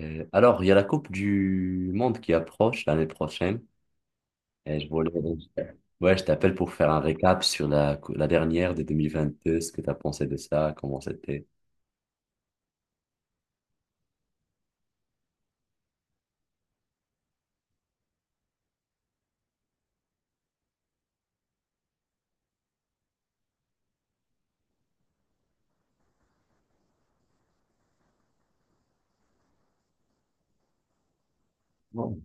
Il y a la Coupe du Monde qui approche l'année prochaine. Et je voulais... Ouais, je t'appelle pour faire un récap sur la dernière de 2022, ce que tu as pensé de ça, comment c'était. Bon.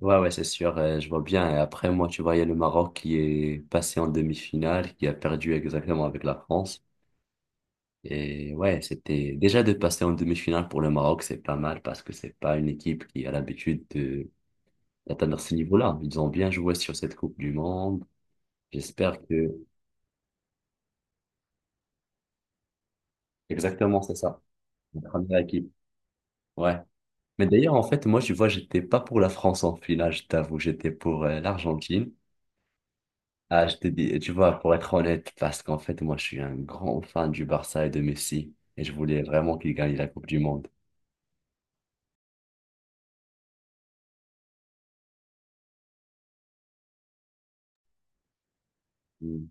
Ouais, ouais, c'est sûr, je vois bien. Et après, moi, tu vois, il y a le Maroc qui est passé en demi-finale, qui a perdu exactement avec la France. Et ouais, c'était déjà de passer en demi-finale pour le Maroc, c'est pas mal parce que c'est pas une équipe qui a l'habitude de d'atteindre ce niveau-là. Ils ont bien joué sur cette Coupe du Monde. J'espère que... Exactement, c'est ça. La première équipe. Ouais. Mais d'ailleurs, en fait, moi, tu vois, j'étais pas pour la France en finale, je t'avoue, j'étais pour l'Argentine. Ah, je te dis, tu vois, pour être honnête, parce qu'en fait, moi, je suis un grand fan du Barça et de Messi, et je voulais vraiment qu'il gagne la Coupe du Monde. Mm.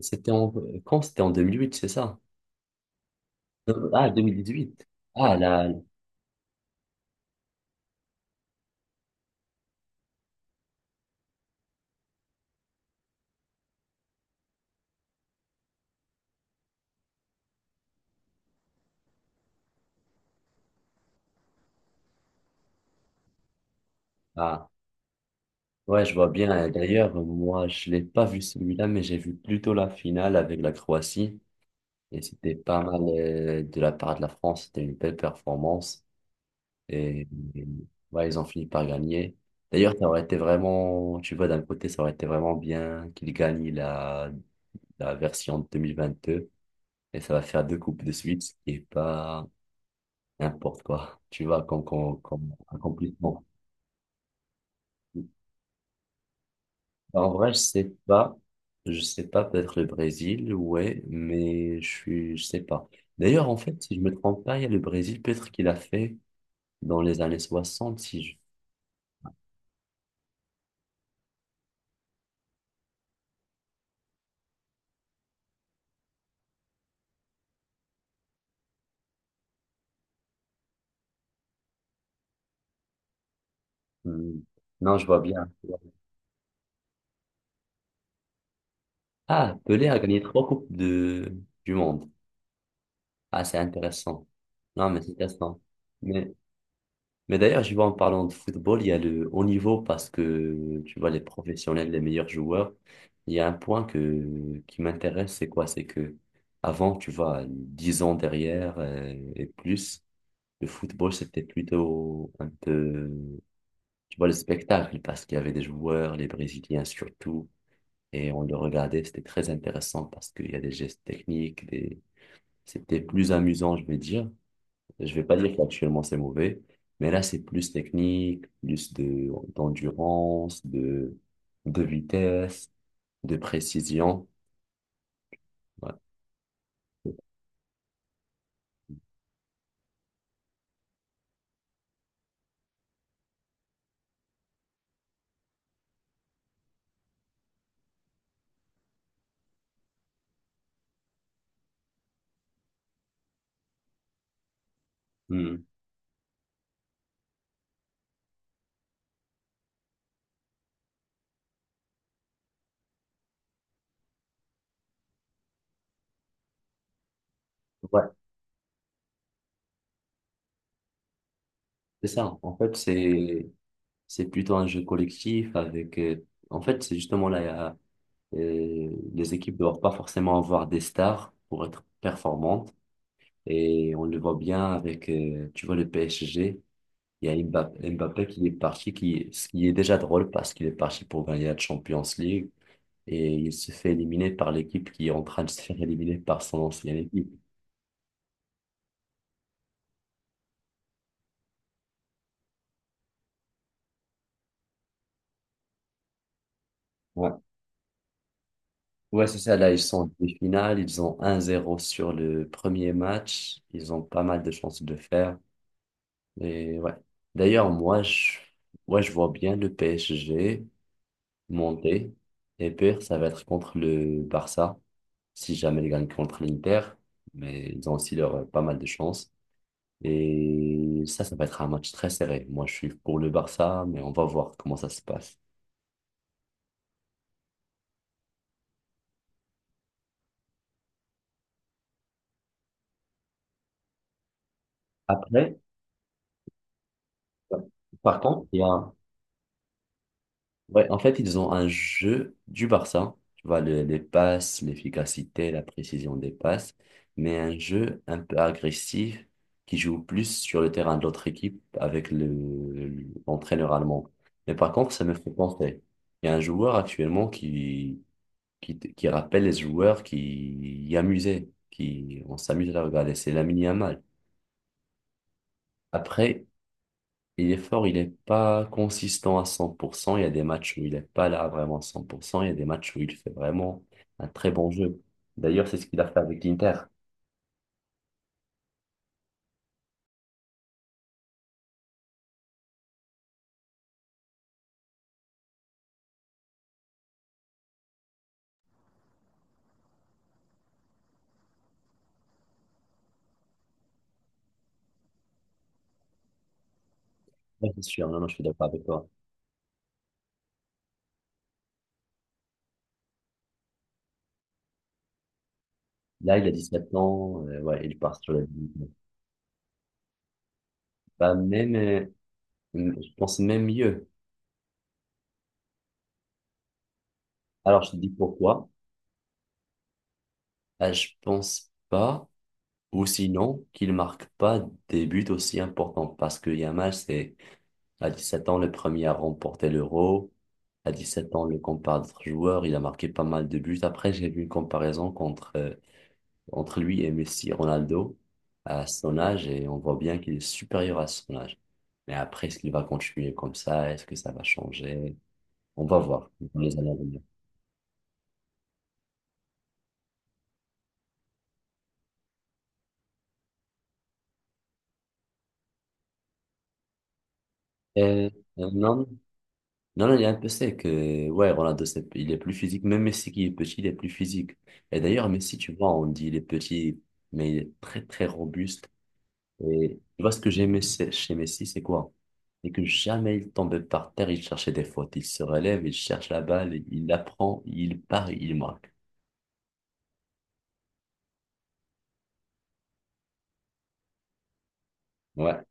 C'était en... Quand? C'était en 2008 c'est ça? Huit. Ah, là, ah. Ouais, je vois bien. D'ailleurs, moi, je l'ai pas vu celui-là, mais j'ai vu plutôt la finale avec la Croatie. Et c'était pas mal de la part de la France, c'était une belle performance. Et, et, ouais, ils ont fini par gagner. D'ailleurs, ça aurait été vraiment, tu vois, d'un côté, ça aurait été vraiment bien qu'ils gagnent la version 2022. Et ça va faire deux coupes de suite, ce qui est pas n'importe quoi, tu vois, comme accomplissement. En vrai, je sais pas. Je sais pas, peut-être le Brésil, ouais, mais je sais pas. D'ailleurs, en fait, si je me trompe pas, il y a le Brésil, peut-être qu'il a fait dans les années 60, si je... Hmm. Non, je vois bien. Ah, Pelé a gagné trois coupes de... du monde. Ah, c'est intéressant. Non, mais c'est intéressant. Mais, mais d'ailleurs, je vois en parlant de football, il y a le haut niveau parce que tu vois, les professionnels, les meilleurs joueurs, il y a un point qui m'intéresse, c'est quoi? C'est que avant, tu vois, 10 ans derrière et plus, le football, c'était plutôt un peu, tu vois, le spectacle, parce qu'il y avait des joueurs, les Brésiliens surtout, et on le regardait, c'était très intéressant parce qu'il y a des gestes techniques, des... c'était plus amusant, je vais dire. Je vais pas dire qu'actuellement c'est mauvais, mais là, c'est plus technique, plus d'endurance, de vitesse, de précision. Ouais. Hmm. Ouais, c'est ça. En fait, c'est plutôt un jeu collectif avec en fait, c'est justement là, les équipes ne doivent pas forcément avoir des stars pour être performantes. Et on le voit bien avec, tu vois, le PSG. Il y a Mbappé, qui est parti, qui, ce qui est déjà drôle parce qu'il est parti pour gagner la Champions League et il se fait éliminer par l'équipe qui est en train de se faire éliminer par son ancienne équipe. Ouais. Ouais, c'est ça. Là, ils sont en demi-finale. Ils ont 1-0 sur le premier match. Ils ont pas mal de chances de le faire. Et ouais. D'ailleurs, moi, je, ouais, je vois bien le PSG monter. Et pire, ça va être contre le Barça, si jamais ils gagnent contre l'Inter. Mais ils ont aussi leur, pas mal de chances. Et ça va être un match très serré. Moi, je suis pour le Barça, mais on va voir comment ça se passe. Après, par contre, il y a, Ouais, en fait, ils ont un jeu du Barça, tu vois, les passes, l'efficacité, la précision des passes, mais un jeu un peu agressif qui joue plus sur le terrain de l'autre équipe avec l'entraîneur allemand. Mais par contre, ça me fait penser. Il y a un joueur actuellement qui rappelle les joueurs qui y amusaient, qui, on s'amuse à la regarder, c'est Lamine Yamal. Après, il est fort, il n'est pas consistant à 100%. Il y a des matchs où il n'est pas là vraiment à 100%. Il y a des matchs où il fait vraiment un très bon jeu. D'ailleurs, c'est ce qu'il a fait avec l'Inter. Ouais, c'est sûr, non, non, je suis d'accord avec toi. Là, il a 17 ans. Ouais, il part sur la vie. Bah, même, euh, je pense même mieux. Alors, je te dis pourquoi. Ah, je pense pas, ou sinon, qu'il marque pas des buts aussi importants. Parce que Yamal, c'est à 17 ans, le premier à remporter l'Euro. À 17 ans, le compare d'autres joueurs. Il a marqué pas mal de buts. Après, j'ai vu une comparaison contre, entre lui et Messi, Ronaldo, à son âge, et on voit bien qu'il est supérieur à son âge. Mais après, est-ce qu'il va continuer comme ça? Est-ce que ça va changer? On va voir dans les années à venir. Euh, non, non, non, il est un peu sec. Ouais, Ronaldo, il est plus physique. Même Messi qui est petit, il est plus physique. Et d'ailleurs, Messi, tu vois, on dit il est petit, mais il est très, très robuste. Et tu vois, ce que j'aimais chez Messi, c'est quoi? C'est que jamais il tombait par terre, il cherchait des fautes. Il se relève, il cherche la balle, il la prend, il part, il marque. Ouais.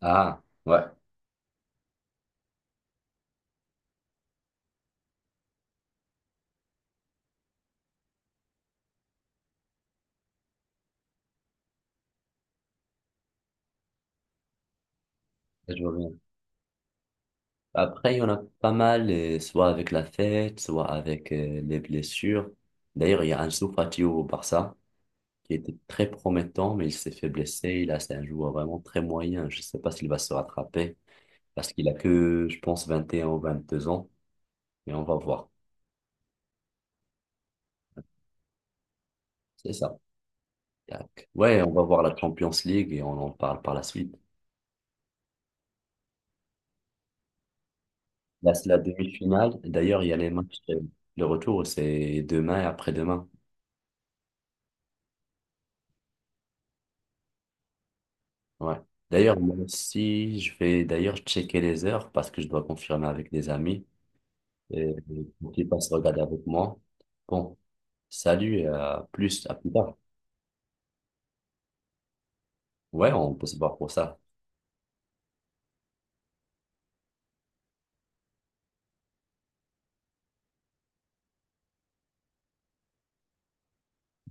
Ah, ouais. Je vois bien. Après, il y en a pas mal, soit avec la fête, soit avec les blessures. D'ailleurs, il y a Ansu Fati au Barça, qui était très promettant, mais il s'est fait blesser. Là, c'est un joueur vraiment très moyen. Je ne sais pas s'il va se rattraper, parce qu'il a que, je pense, 21 ou 22 ans, mais on va voir. C'est ça. Tac. Ouais, on va voir la Champions League et on en parle par la suite. Là, c'est la demi-finale. D'ailleurs, il y a les matchs. Le retour, c'est demain et après-demain. Ouais. D'ailleurs, moi aussi, je vais d'ailleurs checker les heures parce que je dois confirmer avec des amis. Et pour qu'ils passent regarder avec moi. Bon, salut et à plus tard. Ouais, on peut se voir pour ça.